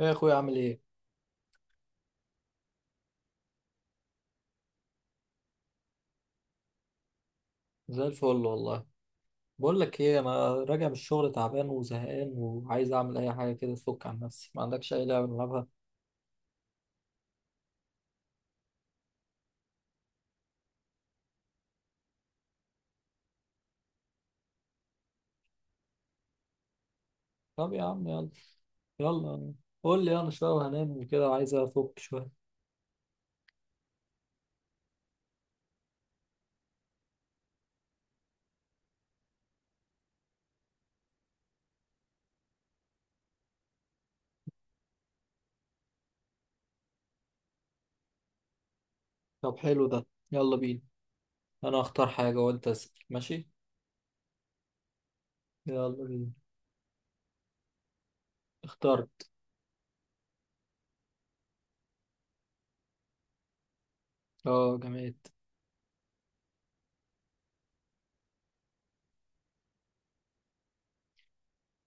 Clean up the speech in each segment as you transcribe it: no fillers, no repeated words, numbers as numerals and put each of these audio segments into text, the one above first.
ايه يا اخويا؟ عامل ايه؟ زي الفل والله. بقول لك ايه، انا راجع من الشغل تعبان وزهقان وعايز اعمل اي حاجه كده تفك عن نفسي. ما عندكش اي لعبه نلعبها؟ طب يا عم يلا. يلا قول لي، انا شويه وهنام وكده، عايز افك شويه. طب حلو ده، يلا بينا. انا اختار حاجه وانت اسال، ماشي؟ يلا بينا. اخترت. اه جماد.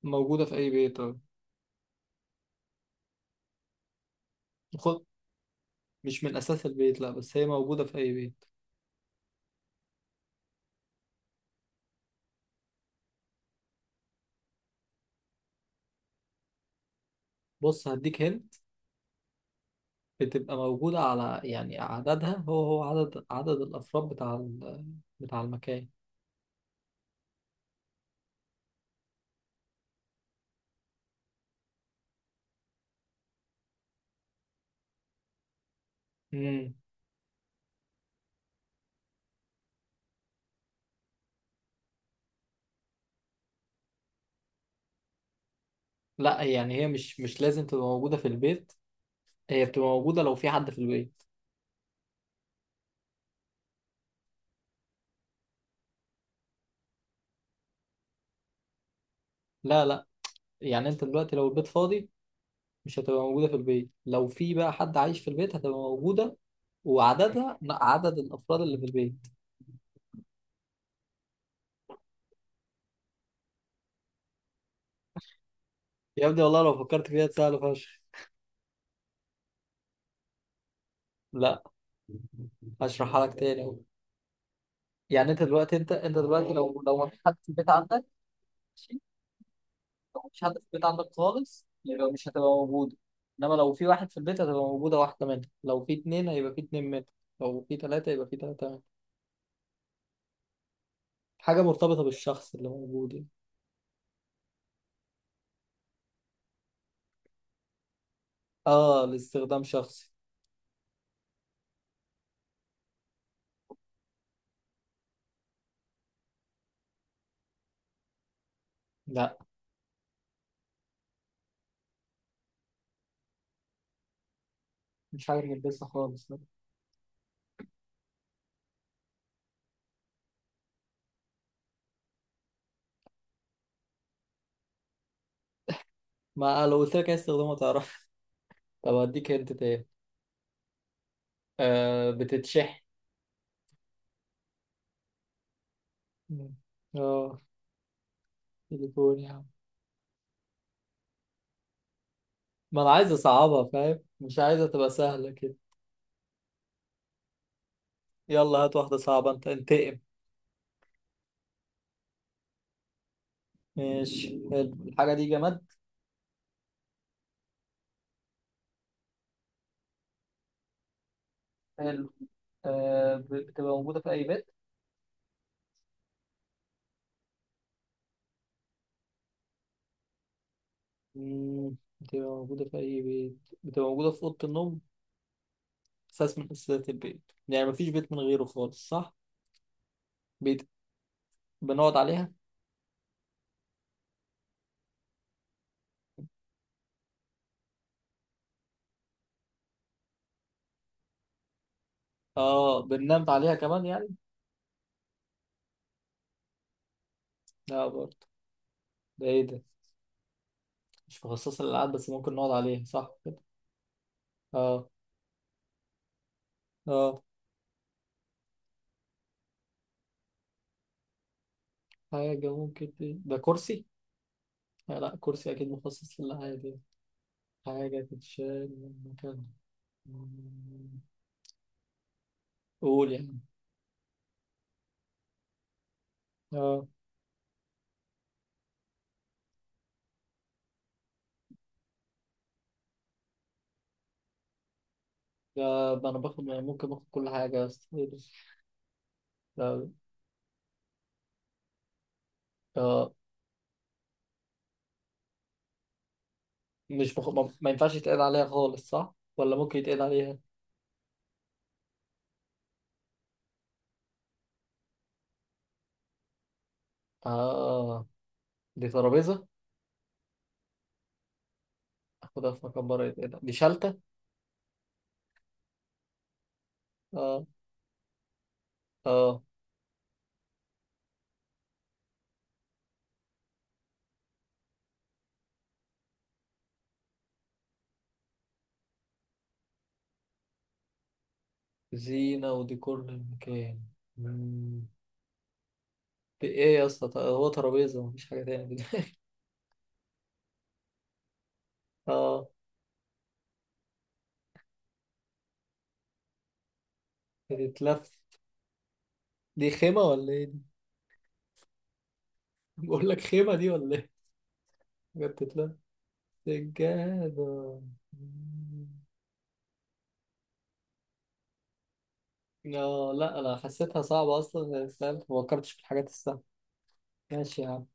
موجوده في اي بيت، اه. خد، مش من اساس البيت لا، بس هي موجوده في اي بيت. بص هديك هنا، بتبقى موجودة على، يعني عددها هو عدد الأفراد بتاع بتاع المكان. مم. لا، يعني هي مش لازم تبقى موجودة في البيت، هي بتبقى موجودة لو في حد في البيت. لا لا، يعني أنت دلوقتي لو البيت فاضي مش هتبقى موجودة في البيت، لو في بقى حد عايش في البيت هتبقى موجودة، وعددها عدد الأفراد اللي في البيت. يا ابني والله لو فكرت فيها سهلة فشخ. لا، هشرحها لك تاني أهو. يعني أنت دلوقتي، أنت دلوقتي لو ما في حد في البيت عندك مش هتبقى في البيت عندك خالص، يبقى مش هتبقى موجودة. إنما لو في واحد في البيت هتبقى موجودة واحدة منها، لو في اتنين هيبقى في اتنين منها، لو في تلاتة يبقى في تلاتة منها. حاجة مرتبطة بالشخص اللي موجود يعني. آه، لاستخدام شخصي. لا، مش حاجة بنلبسها خالص لا. ما آه، لو قلت لك عايز استخدامها تعرف. طب أديك هنت تاني. آه بتتشحن. مم. آه، تليفون يا عم. ما أنا عايز أصعبها فاهم، مش عايزها تبقى سهلة كده. يلا هات واحدة صعبة أنت، انتقم. ماشي، حلو. الحاجة دي جماد. حلو. آه، بتبقى موجودة في أي بيت. مم، بتبقى موجودة في أي بيت، بتبقى موجودة في أوضة النوم. أساس من أساسيات البيت، يعني مفيش بيت من غيره خالص صح؟ بيت. بنقعد عليها؟ آه بننام عليها كمان يعني؟ لا برضه. ده إيه ده؟ مش مخصصة للألعاب بس ممكن نقعد عليها صح كده. آه. آه. حاجة ممكن دي. ده كرسي؟ لا لا، كرسي أكيد مخصص للألعاب يعني. حاجة تتشال من مكان. قول يعني. آه. ده أنا باخد يعني ممكن باخد كل حاجة يا أسطى. لا. آه، مش ما ينفعش يتقعد عليها خالص صح؟ ولا ممكن يتقعد عليها؟ آه. دي ترابيزة. أخدها في مكان بره يتقعد، دي شالتة؟ آه. آه. زينة وديكور للمكان. مم. دي إيه يا اسطى؟ هو ترابيزة، مفيش حاجة تاني؟ آه. بتتلف. دي خيمة ولا إيه دي؟ بقول لك خيمة دي ولا إيه؟ حاجة بتتلف. سجادة. مم. آه لا، أنا حسيتها صعبة أصلا يعني فاهم؟ ما فكرتش في الحاجات السهلة. ماشي يا عم،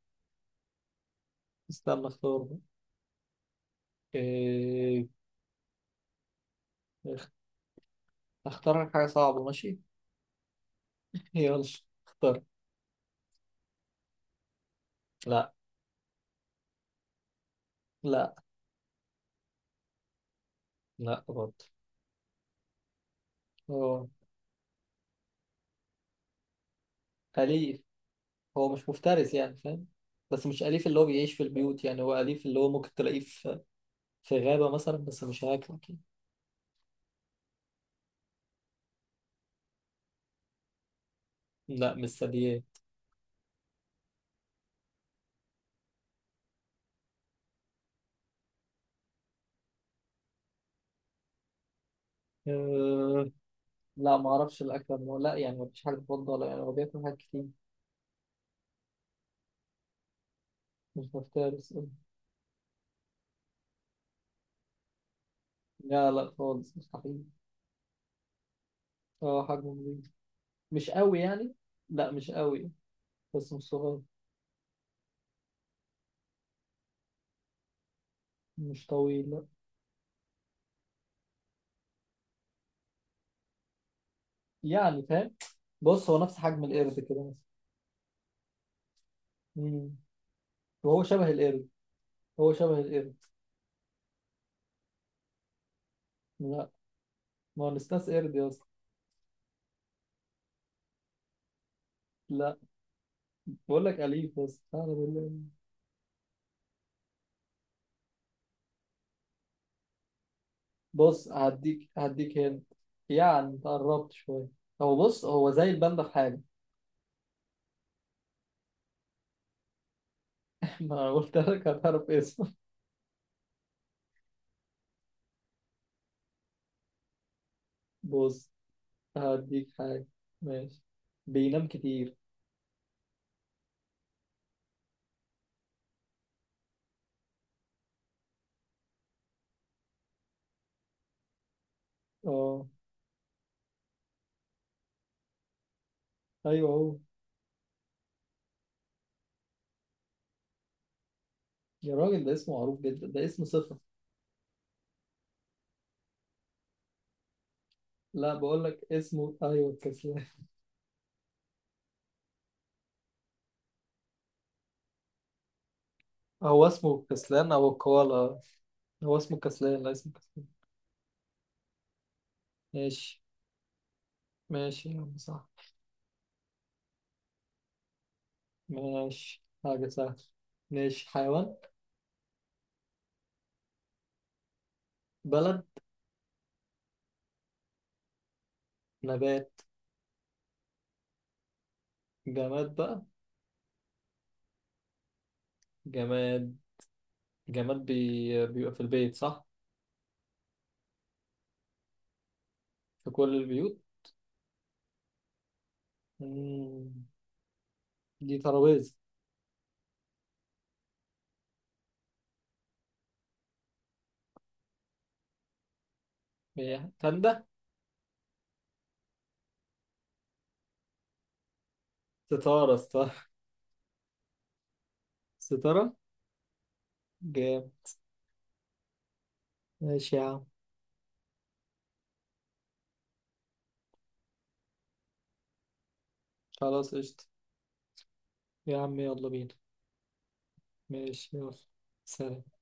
استنى اختار. إيه، اختار لك حاجة صعبة، ماشي. يلا اختار. لا. لا. لا برضه. هو. أليف. هو مش مفترس يعني فاهم. بس مش أليف اللي هو بيعيش في البيوت، يعني هو أليف اللي هو ممكن تلاقيه في، في غابة مثلا بس مش هياكلك يعني. لا، مش ثدييات. أه... لا ما اعرفش الاكل، هو لا يعني ما فيش حاجه تفضل، يعني هو بياكل حاجات كتير. مش مفترس أه. لا لا، خالص مستحيل. اه حجمه كبير. مش قوي يعني. لا مش قوي، بس مش صغير. مش طويل. يعني فاهم، بص هو نفس حجم القرد كده مثلا. مم. وهو شبه القرد. هو شبه القرد. لا، ما هو نستاس قرد يا اسطى. لا، بقول لك أليف بس أعلى بالله. بص، هديك هنا. يعني تقربت شوية. هو بص، هو زي الباندا في حاجة. ما أنا قلت لك هتعرف اسمه. بص هديك حاجة. ماشي. بينام كتير. اه. ايوه هو. يا راجل ده اسمه معروف جدا، ده اسم صفة. لا، بقول لك اسمه ايوه الكسلان. هو اسمه الكسلان او الكوالا؟ هو اسمه كسلان، لا اسمه كسلان. ماشي. ماشي يا عم صح. ماشي، حاجة سهلة. ماشي. حيوان؟ بلد؟ نبات؟ جماد بقى. جماد. جماد بيبقى في البيت صح. في كل البيوت. مم. دي ترابيزة. هي تندة. ستارة، ستارة. ستارة. جام. ماشي يا عم. خلاص قشطة. يا عم يلا بينا. ماشي يلا. سلام.